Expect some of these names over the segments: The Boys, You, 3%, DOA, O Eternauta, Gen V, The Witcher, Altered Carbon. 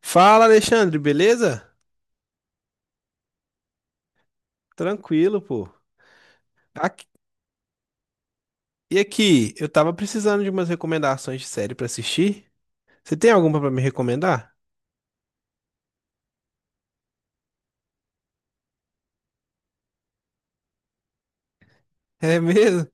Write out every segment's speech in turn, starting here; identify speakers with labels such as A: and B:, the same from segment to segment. A: Fala, Alexandre, beleza? Tranquilo, pô. Aqui- e aqui, eu tava precisando de umas recomendações de série pra assistir. Você tem alguma pra me recomendar? É mesmo?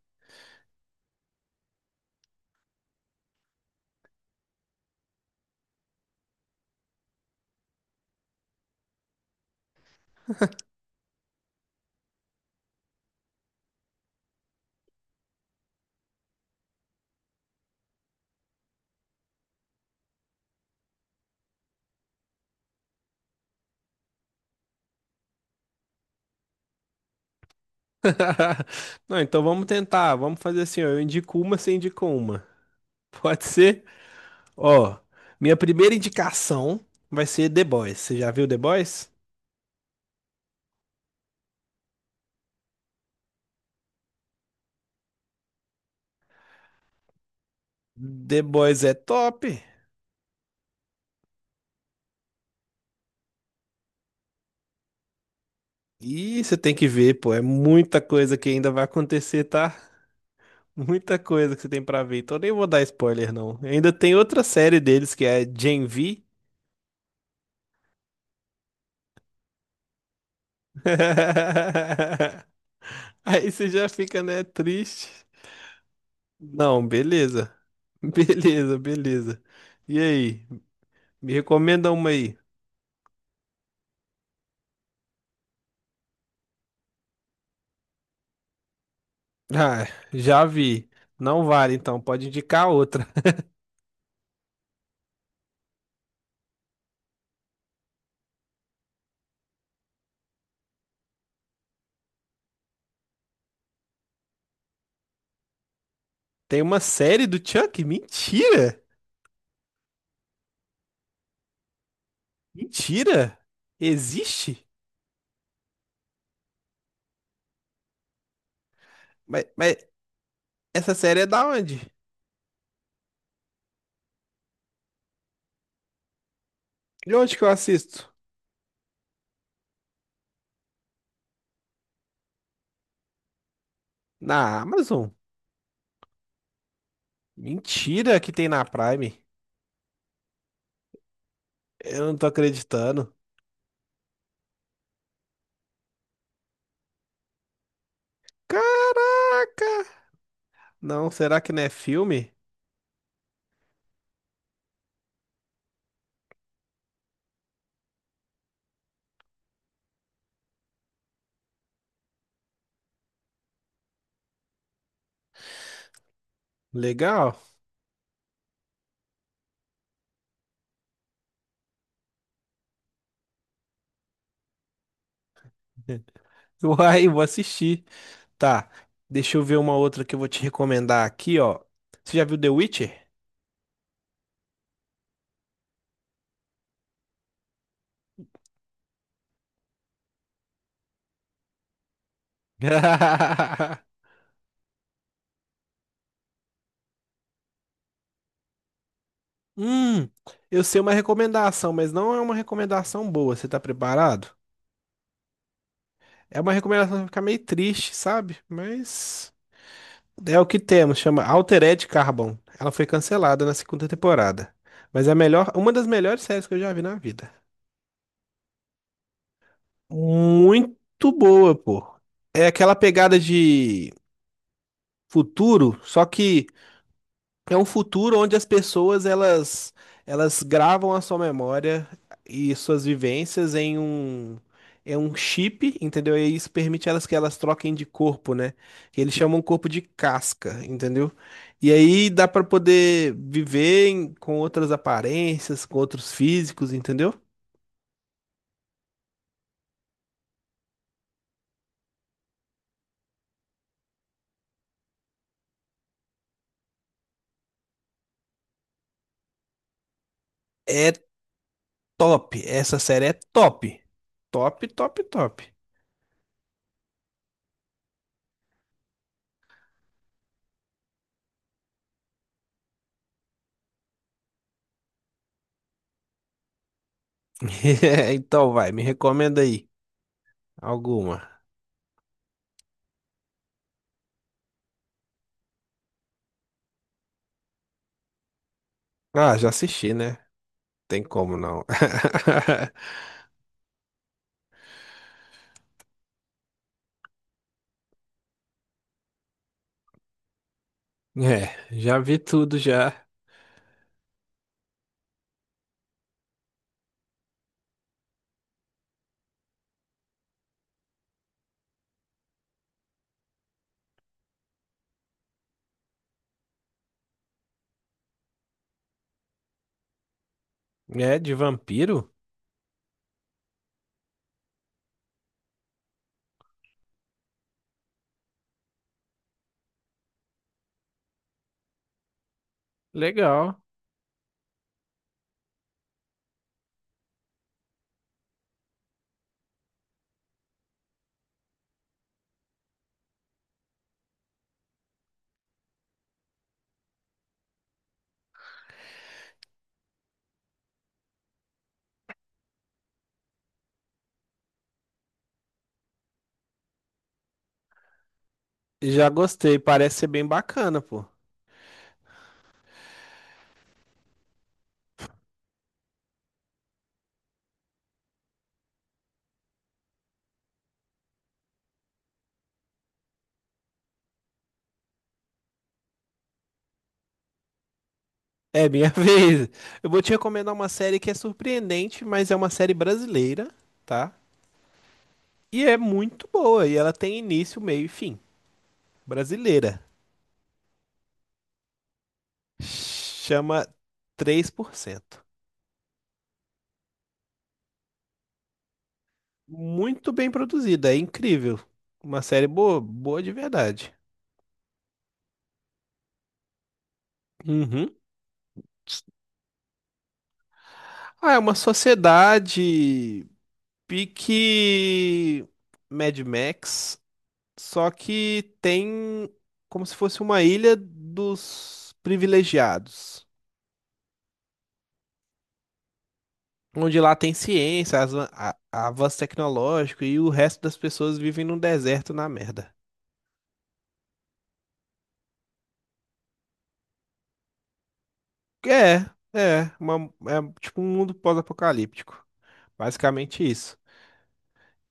A: Não, então vamos tentar. Vamos fazer assim, ó, eu indico uma, você indica uma. Pode ser? Ó, minha primeira indicação vai ser The Boys. Você já viu The Boys? The Boys é top. E você tem que ver, pô, é muita coisa que ainda vai acontecer, tá? Muita coisa que você tem pra ver, então nem vou dar spoiler, não. Ainda tem outra série deles que é Gen V. Aí você já fica, né, triste. Não, beleza. Beleza, beleza. E aí? Me recomenda uma aí. Ah, já vi. Não vale, então pode indicar outra. Tem uma série do Chuck? Mentira! Mentira! Existe? Mas essa série é da onde? De onde que eu assisto? Na Amazon? Mentira que tem na Prime. Eu não tô acreditando. Caraca! Não, será que não é filme? Legal. Uai, vou assistir. Tá, deixa eu ver uma outra que eu vou te recomendar aqui, ó. Você já viu The Witcher? Hum, eu sei uma recomendação, mas não é uma recomendação boa. Você tá preparado? É uma recomendação que fica meio triste, sabe? Mas é o que temos, chama Altered Carbon. Ela foi cancelada na segunda temporada. Mas é a melhor, uma das melhores séries que eu já vi na vida. Muito boa, pô. É aquela pegada de futuro, só que é um futuro onde as pessoas elas gravam a sua memória e suas vivências em um chip, entendeu? E isso permite elas que elas troquem de corpo, né? Que eles chamam corpo de casca, entendeu? E aí dá pra poder viver com outras aparências, com outros físicos, entendeu? É top, essa série é top. Top, top, top. Então vai, me recomenda aí alguma. Ah, já assisti, né? Tem como não. É, já vi tudo já. É, de vampiro? Legal. Já gostei, parece ser bem bacana, pô. É minha vez. Eu vou te recomendar uma série que é surpreendente, mas é uma série brasileira, tá? E é muito boa, e ela tem início, meio e fim. Brasileira. Chama 3%. Muito bem produzida, é incrível. Uma série boa, boa de verdade. Uhum. Ah, é uma sociedade pique Mad Max, só que tem como se fosse uma ilha dos privilegiados, onde lá tem ciência, avanço tecnológico e o resto das pessoas vivem num deserto na merda. É, é é tipo um mundo pós-apocalíptico. Basicamente isso.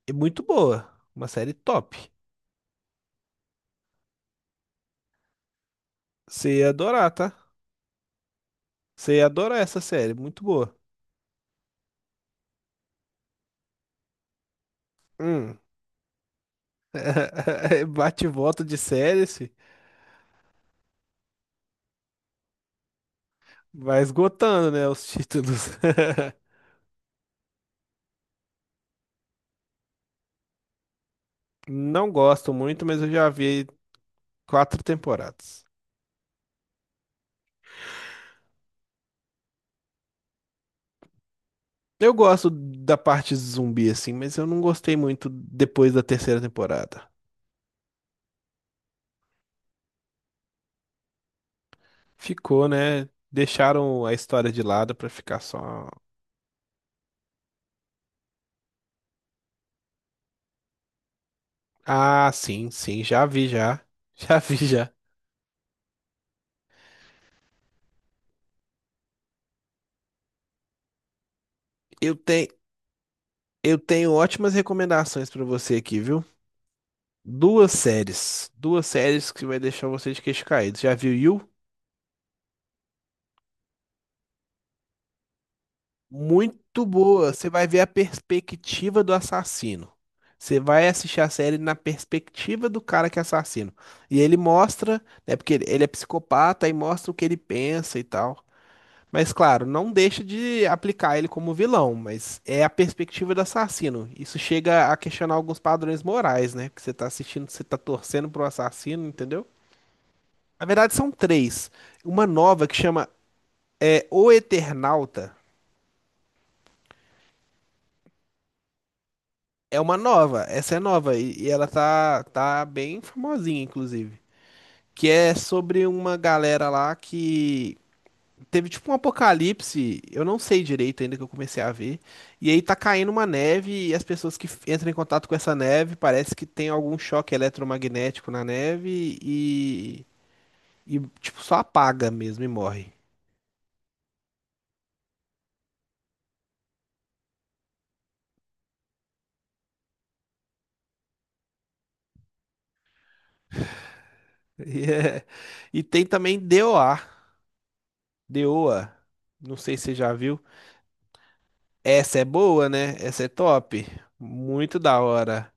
A: E muito boa, uma série top. Você ia adorar, tá? Você ia adorar essa série, muito boa. Hum. Bate e volta de série, esse. Vai esgotando, né, os títulos. Não gosto muito, mas eu já vi quatro temporadas. Eu gosto da parte zumbi, assim, mas eu não gostei muito depois da terceira temporada. Ficou, né? Deixaram a história de lado pra ficar só. Ah, sim, sim, já vi já. Já vi já. Eu tenho, eu tenho ótimas recomendações pra você aqui, viu? Duas séries. Duas séries que vai deixar você de queixo caído. Já viu You? Muito boa. Você vai ver a perspectiva do assassino. Você vai assistir a série na perspectiva do cara que é assassino. E ele mostra, né? Porque ele é psicopata e mostra o que ele pensa e tal. Mas claro, não deixa de aplicar ele como vilão, mas é a perspectiva do assassino. Isso chega a questionar alguns padrões morais, né? Porque você tá assistindo, você tá torcendo pro assassino, entendeu? Na verdade, são três. Uma nova que chama O Eternauta. É uma nova, essa é nova e ela tá bem famosinha, inclusive. Que é sobre uma galera lá que teve tipo um apocalipse, eu não sei direito ainda que eu comecei a ver. E aí tá caindo uma neve e as pessoas que entram em contato com essa neve parece que tem algum choque eletromagnético na neve e tipo só apaga mesmo e morre. E, é- e tem também DOA, DOA, não sei se você já viu. Essa é boa, né? Essa é top. Muito da hora.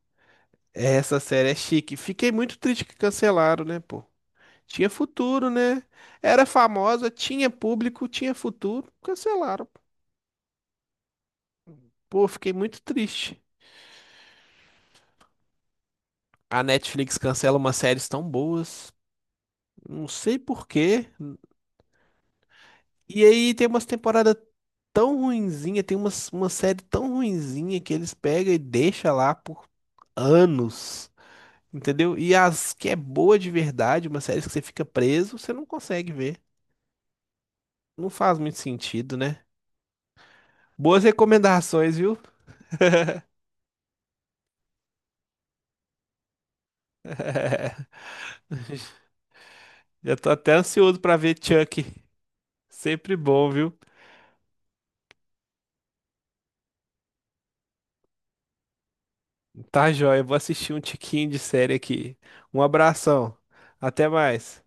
A: Essa série é chique. Fiquei muito triste que cancelaram, né, pô? Tinha futuro, né? Era famosa, tinha público, tinha futuro. Cancelaram. Pô, fiquei muito triste. A Netflix cancela umas séries tão boas. Não sei por quê. E aí tem umas temporadas tão ruinzinha, uma série tão ruinzinha que eles pegam e deixam lá por anos. Entendeu? E as que é boa de verdade, uma série que você fica preso, você não consegue ver. Não faz muito sentido, né? Boas recomendações, viu? Já tô até ansioso pra ver Chuck. Sempre bom, viu? Tá joia, vou assistir um tiquinho de série aqui. Um abração. Até mais.